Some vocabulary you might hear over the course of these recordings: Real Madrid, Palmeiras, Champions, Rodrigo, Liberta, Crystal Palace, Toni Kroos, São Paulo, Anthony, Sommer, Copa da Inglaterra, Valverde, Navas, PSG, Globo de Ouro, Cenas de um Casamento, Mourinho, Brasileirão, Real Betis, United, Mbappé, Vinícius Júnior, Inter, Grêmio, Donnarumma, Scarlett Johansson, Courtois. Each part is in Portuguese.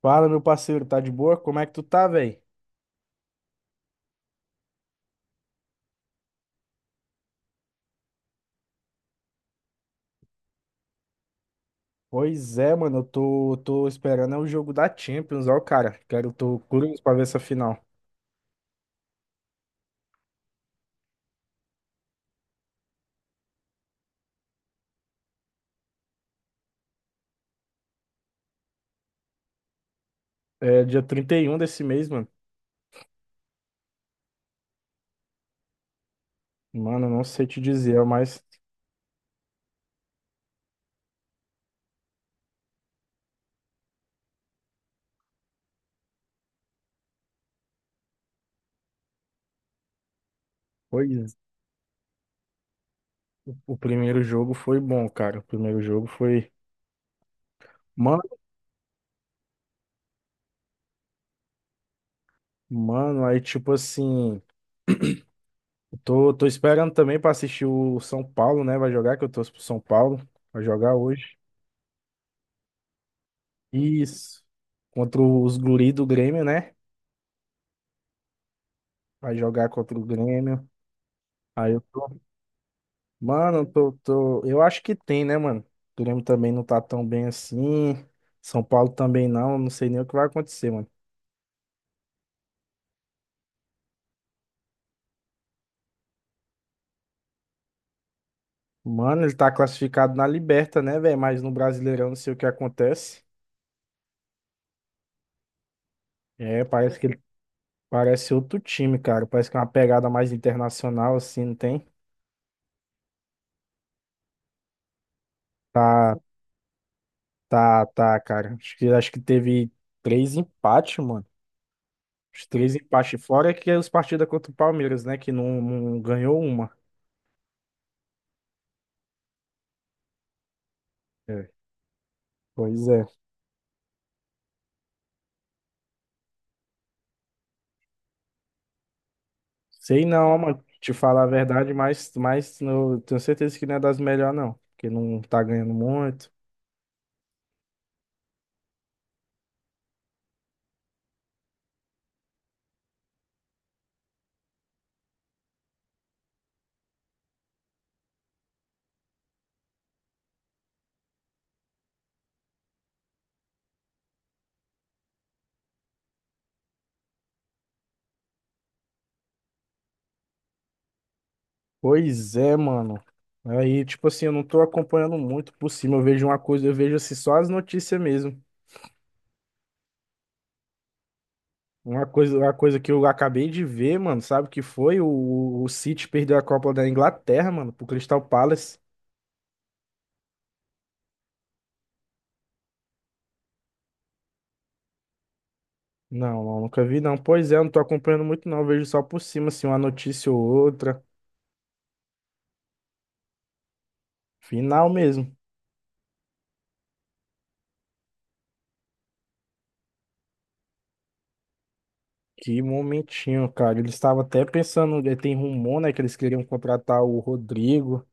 Fala, meu parceiro, tá de boa? Como é que tu tá, velho? Pois é, mano, eu tô esperando é o jogo da Champions, ó, cara. Quero, tô curioso pra ver essa final. É dia 31 desse mês, mano. Mano, não sei te dizer, mas foi. O primeiro jogo foi bom, cara. O primeiro jogo foi. Mano, mano, aí tipo assim. Eu tô esperando também pra assistir o São Paulo, né? Vai jogar, que eu torço pro São Paulo. Vai jogar hoje. Isso. Contra os guri do Grêmio, né? Vai jogar contra o Grêmio. Aí eu tô. Mano, eu acho que tem, né, mano? O Grêmio também não tá tão bem assim. São Paulo também não. Não sei nem o que vai acontecer, mano. Mano, ele tá classificado na Liberta, né, velho? Mas no Brasileirão não sei o que acontece. É, parece que ele parece outro time, cara. Parece que é uma pegada mais internacional, assim, não tem? Tá, tá, cara. Acho que teve três empates, mano. Os três empates fora é que é os partidas contra o Palmeiras, né? Que não ganhou uma. É. Pois é. Sei não, mano. Te falar a verdade, mas eu tenho certeza que não é das melhores, não. Porque não tá ganhando muito. Pois é, mano. Aí, tipo assim, eu não tô acompanhando muito por cima. Eu vejo uma coisa, eu vejo assim, só as notícias mesmo. Uma coisa que eu acabei de ver, mano, sabe o que foi? O City perdeu a Copa da Inglaterra, mano, pro Crystal Palace. Não, não, nunca vi, não. Pois é, eu não tô acompanhando muito, não. Eu vejo só por cima, assim, uma notícia ou outra. Final mesmo. Que momentinho, cara. Eles estavam até pensando, tem rumor, né, que eles queriam contratar o Rodrigo.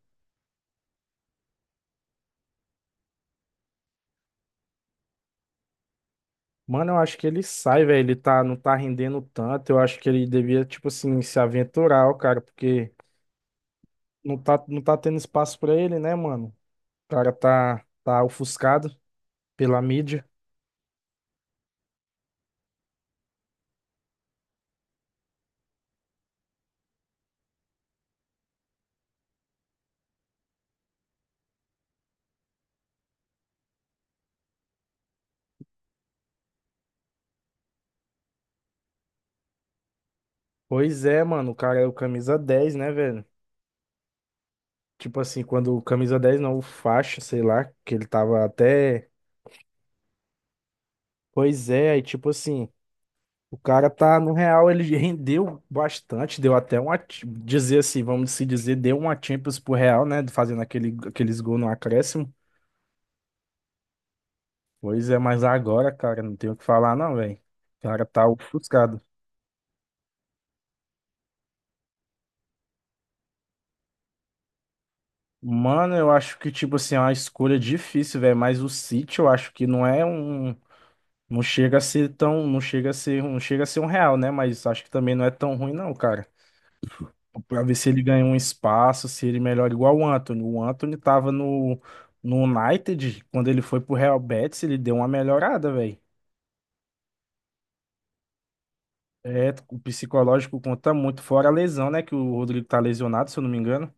Mano, eu acho que ele sai, velho. Ele tá, não tá rendendo tanto. Eu acho que ele devia, tipo assim, se aventurar, ó, cara, porque não tá, não tá tendo espaço pra ele, né, mano? O cara tá ofuscado pela mídia. Pois é, mano, o cara é o camisa 10, né, velho? Tipo assim, quando o camisa 10 não, o faixa, sei lá, que ele tava até. Pois é, aí tipo assim. O cara tá, no real, ele rendeu bastante, deu até uma, dizer assim, vamos se dizer, deu uma Champions pro Real, né, fazendo aquele, aqueles gols no acréscimo. Pois é, mas agora, cara, não tenho o que falar não, velho. O cara tá ofuscado. Mano, eu acho que, tipo assim, é uma escolha difícil, velho, mas o City eu acho que não é um, não chega a ser tão, não chega a ser um Real, né, mas acho que também não é tão ruim não, cara. Pra ver se ele ganha um espaço, se ele melhora igual o Anthony. O Anthony tava no, no United, quando ele foi pro Real Betis, ele deu uma melhorada, velho. É, o psicológico conta muito, fora a lesão, né? Que o Rodrigo tá lesionado, se eu não me engano.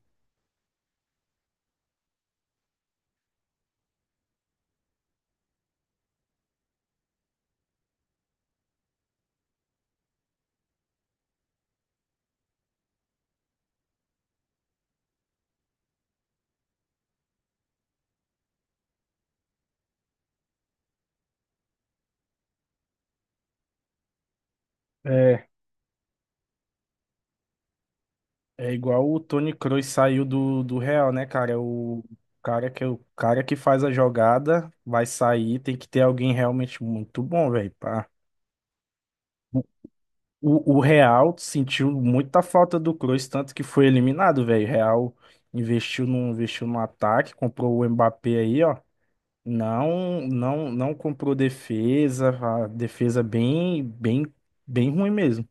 É, é igual o Toni Kroos saiu do Real, né, cara? O cara que é o cara que faz a jogada vai sair, tem que ter alguém realmente muito bom, velho, pá. O Real sentiu muita falta do Kroos, tanto que foi eliminado, velho. O Real investiu no ataque, comprou o Mbappé aí, ó. Não comprou defesa, a defesa bem ruim mesmo.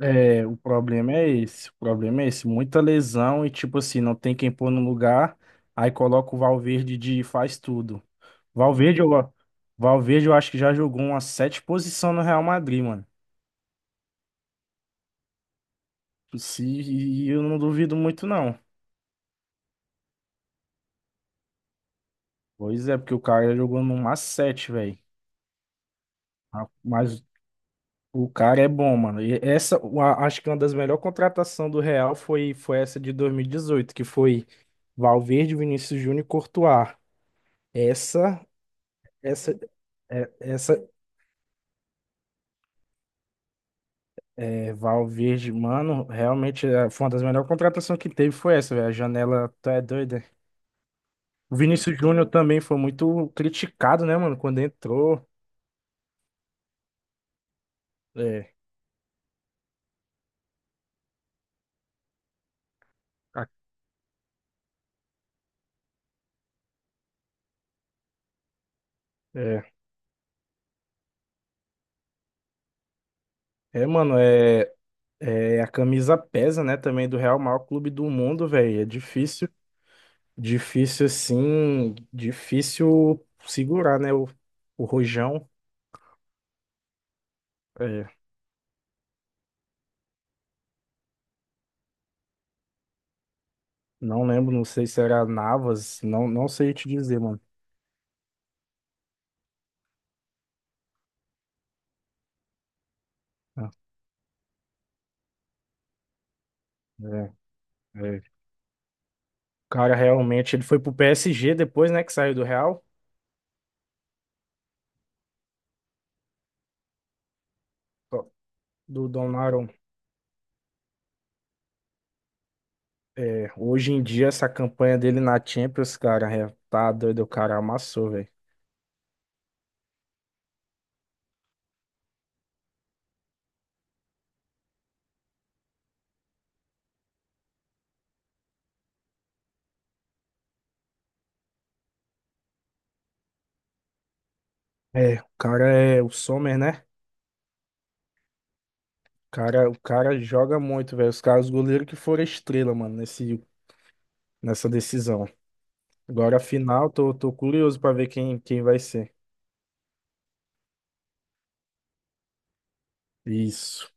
É, o problema é esse, muita lesão e tipo assim, não tem quem pôr no lugar, aí coloca o Valverde de faz tudo. Valverde, eu, Valverde eu acho que já jogou umas sete posições no Real Madrid, mano. Se, e eu não duvido muito, não. Pois é, porque o cara jogou no Macete, velho. Ah, mas o cara é bom, mano. E essa, acho que uma das melhores contratações do Real foi, foi essa de 2018 que foi Valverde, Vinícius Júnior e Courtois. Essa, essa, essa é, Valverde, mano, realmente é, foi uma das melhores contratações que teve, foi essa, velho. A janela, tu é doida. O Vinícius Júnior também foi muito criticado, né, mano, quando entrou. É. a- É. É, mano, é, é a camisa pesa, né, também do Real maior clube do mundo, velho. É difícil, difícil assim, difícil segurar, né, o rojão. É, não lembro, não sei se era Navas, não, não sei te dizer, mano. Ah, é, é. O cara realmente, ele foi pro PSG depois, né, que saiu do Real, do do Donnarumma. É, hoje em dia, essa campanha dele na Champions, cara, é, tá doido, o cara amassou, velho. É, o cara é o Sommer, né? Cara, o cara joga muito, velho. Os caras, os goleiros que foram estrela, mano, nesse, nessa decisão. Agora, a final, tô curioso pra ver quem, quem vai ser. Isso.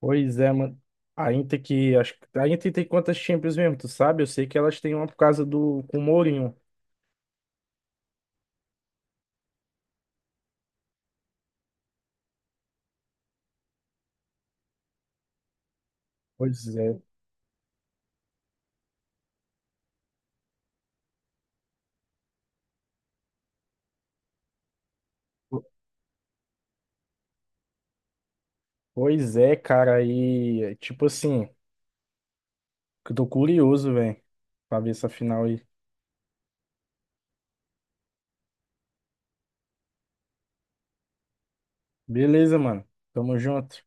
Pois é, mano. A Inter que, acho, a Inter tem quantas Champions mesmo, tu sabe? Eu sei que elas têm uma por causa do, com o Mourinho. Pois é. Po- Pois é, cara. Aí tipo assim, eu tô curioso, velho, pra ver essa final aí. Beleza, mano. Tamo junto.